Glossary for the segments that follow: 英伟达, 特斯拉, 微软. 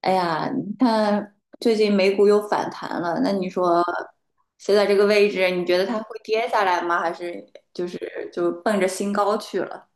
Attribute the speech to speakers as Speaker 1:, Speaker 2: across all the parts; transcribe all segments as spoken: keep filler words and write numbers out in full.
Speaker 1: 哎呀，你看最近美股又反弹了，那你说现在这个位置，你觉得它会跌下来吗？还是就是就奔着新高去了？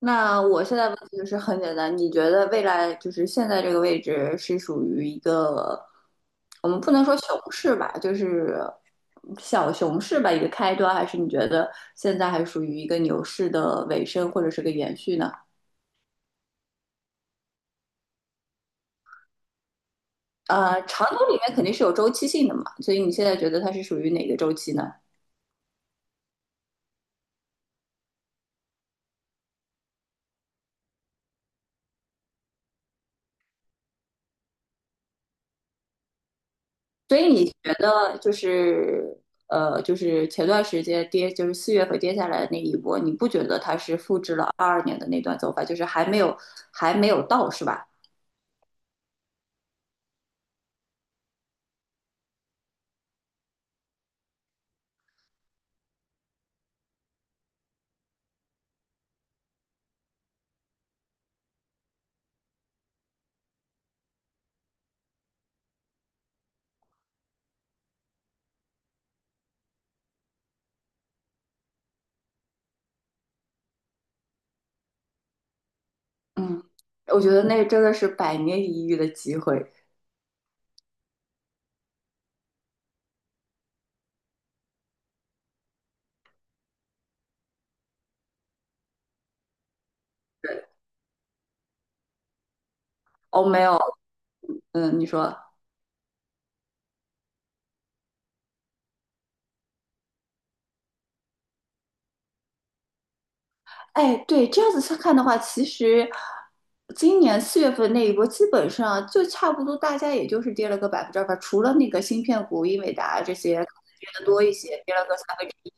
Speaker 1: 那我现在问题就是很简单，你觉得未来就是现在这个位置是属于一个，我们不能说熊市吧，就是小熊市吧，一个开端，还是你觉得现在还属于一个牛市的尾声或者是个延续呢？呃，长牛里面肯定是有周期性的嘛，所以你现在觉得它是属于哪个周期呢？所以你觉得就是呃，就是前段时间跌，就是四月份跌下来的那一波，你不觉得它是复制了二二年的那段走法，就是还没有还没有到，是吧？嗯，我觉得那真的是百年一遇的机会。哦，没有，嗯，你说，哎，对，这样子去看的话，其实今年四月份那一波，基本上就差不多，大家也就是跌了个百分之二吧，除了那个芯片股、英伟达这些可能跌的多一些，跌了个三分之一。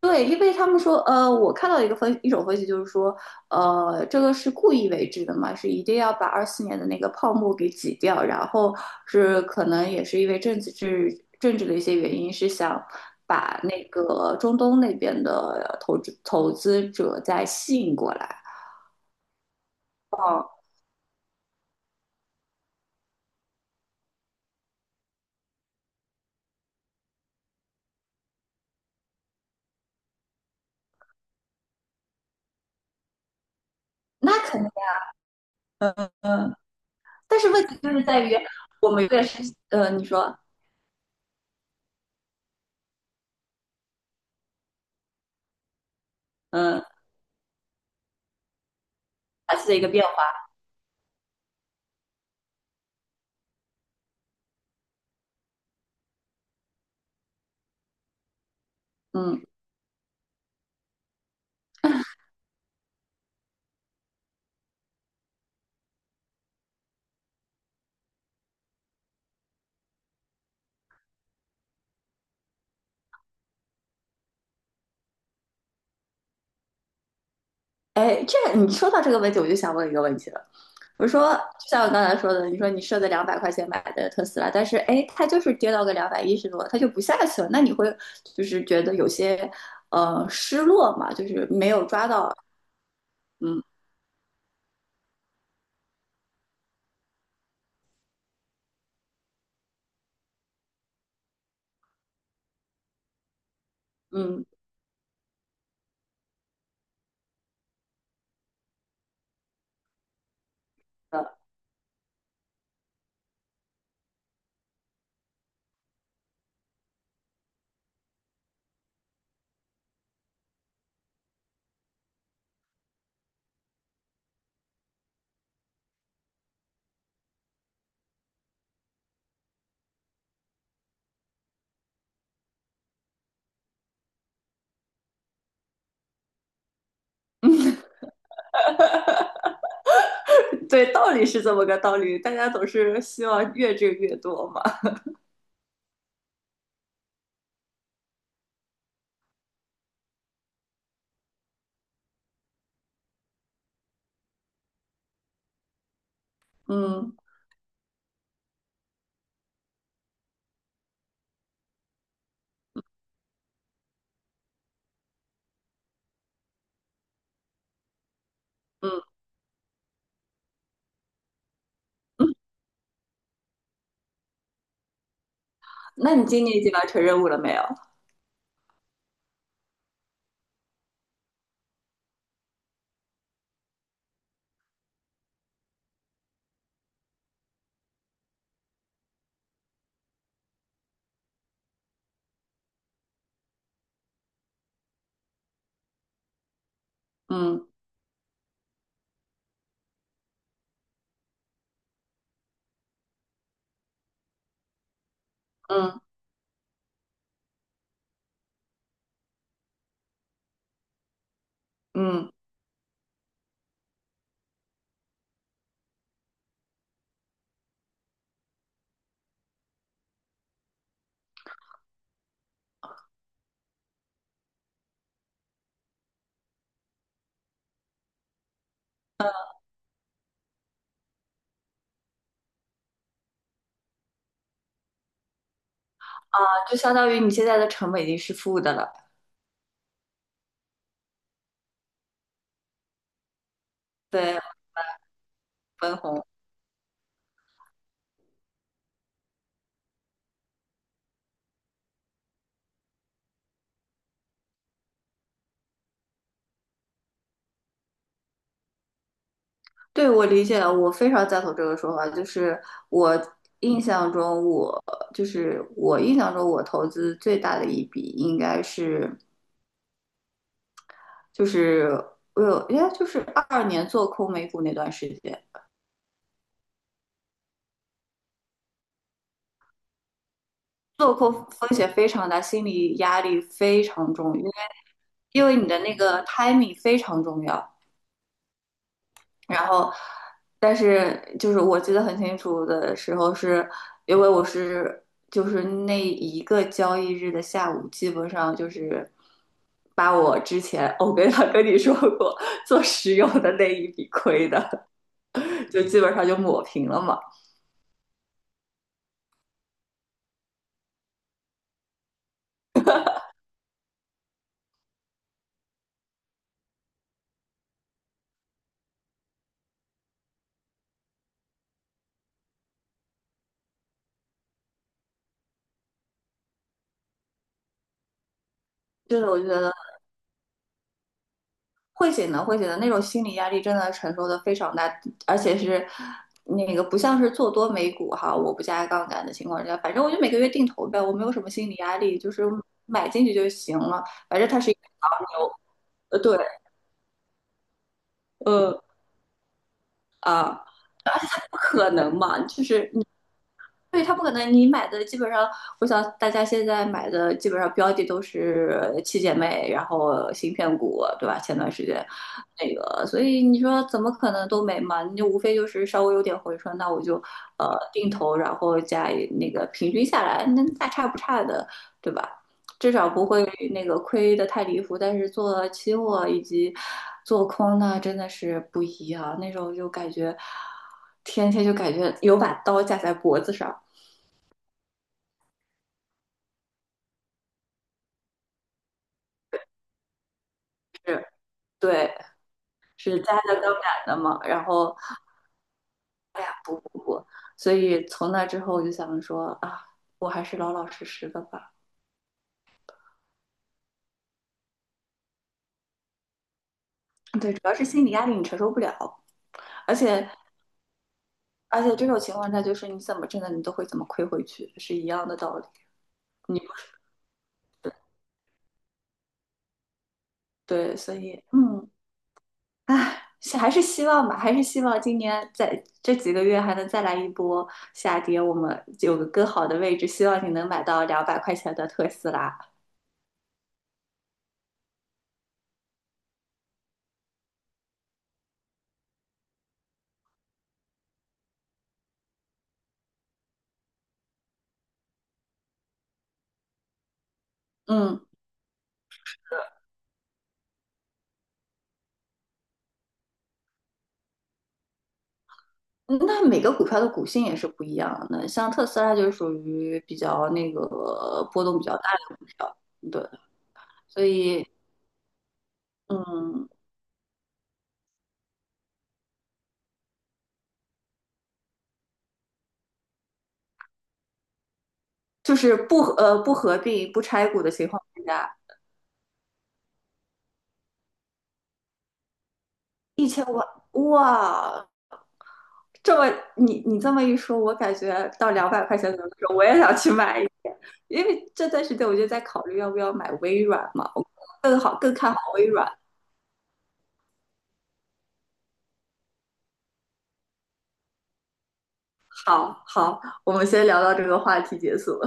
Speaker 1: 对，因为他们说，呃，我看到一个分一种分析，就是说，呃，这个是故意为之的嘛，是一定要把二四年的那个泡沫给挤掉，然后是可能也是因为政治政治的一些原因，是想把那个中东那边的投资投资者再吸引过来。哦，那肯定，嗯，嗯，但是问题就是在于我们越是，呃，你说，嗯，二次的一个变化，嗯。哎，这你说到这个问题，我就想问一个问题了。我说，就像我刚才说的，你说你设的两百块钱买的特斯拉，但是哎，它就是跌到个两百一十多，它就不下去了。那你会就是觉得有些呃失落嘛？就是没有抓到，嗯嗯，呃对，道理是这么个道理，大家总是希望越挣越多嘛。嗯嗯嗯，那你今年已经完成任务了没有？嗯嗯嗯，啊就相当于你现在的成本已经是负的了，对，分红。对，我理解了，我非常赞同这个说法。就是我印象中我，就是我印象中，我投资最大的一笔应该是，就是我有，应该就是二二年做空美股那段时间，做空风险非常大，心理压力非常重，因为因为你的那个 timing 非常重要。然后，但是就是我记得很清楚的时候是，因为我是就是那一个交易日的下午，基本上就是把我之前我跟他跟你说过做石油的那一笔亏的，就基本上就抹平了嘛。真的，我觉得会写的，会写的那种心理压力真的承受的非常大，而且是那个不像是做多美股哈，我不加杠杆的情况下，反正我就每个月定投呗，我没有什么心理压力，就是买进去就行了，反正它是一个牛，呃，对，呃啊，不可能嘛，就是对，它不可能，你买的基本上，我想大家现在买的基本上标的都是七姐妹，然后芯片股，对吧？前段时间那个，所以你说怎么可能都没嘛？你就无非就是稍微有点回春，那我就呃定投，然后加一那个平均下来，那大差不差的，对吧？至少不会那个亏的太离谱。但是做期货以及做空呢，真的是不一样。那时候就感觉天天就感觉有把刀架在脖子上。是，对，是家的刚赶的嘛。然后我，所以从那之后我就想说啊，我还是老老实实的吧。对，主要是心理压力你承受不了，而且而且这种情况下就是你怎么挣的你都会怎么亏回去，是一样的道理。你对，所以嗯，唉。是还是希望吧，还是希望今年在这几个月还能再来一波下跌，我们有个更好的位置，希望你能买到两百块钱的特斯拉。嗯。嗯那每个股票的股性也是不一样的，像特斯拉就属于比较那个波动比较大的股票，对，所以嗯，就是不合呃不合并不拆股的情况下，一千万哇，这么你你这么一说，我感觉到两百块钱左右的时候，我也想去买一个因为这段时间我就在考虑要不要买微软嘛，我更好更看好微软。好好，我们先聊到这个话题结束。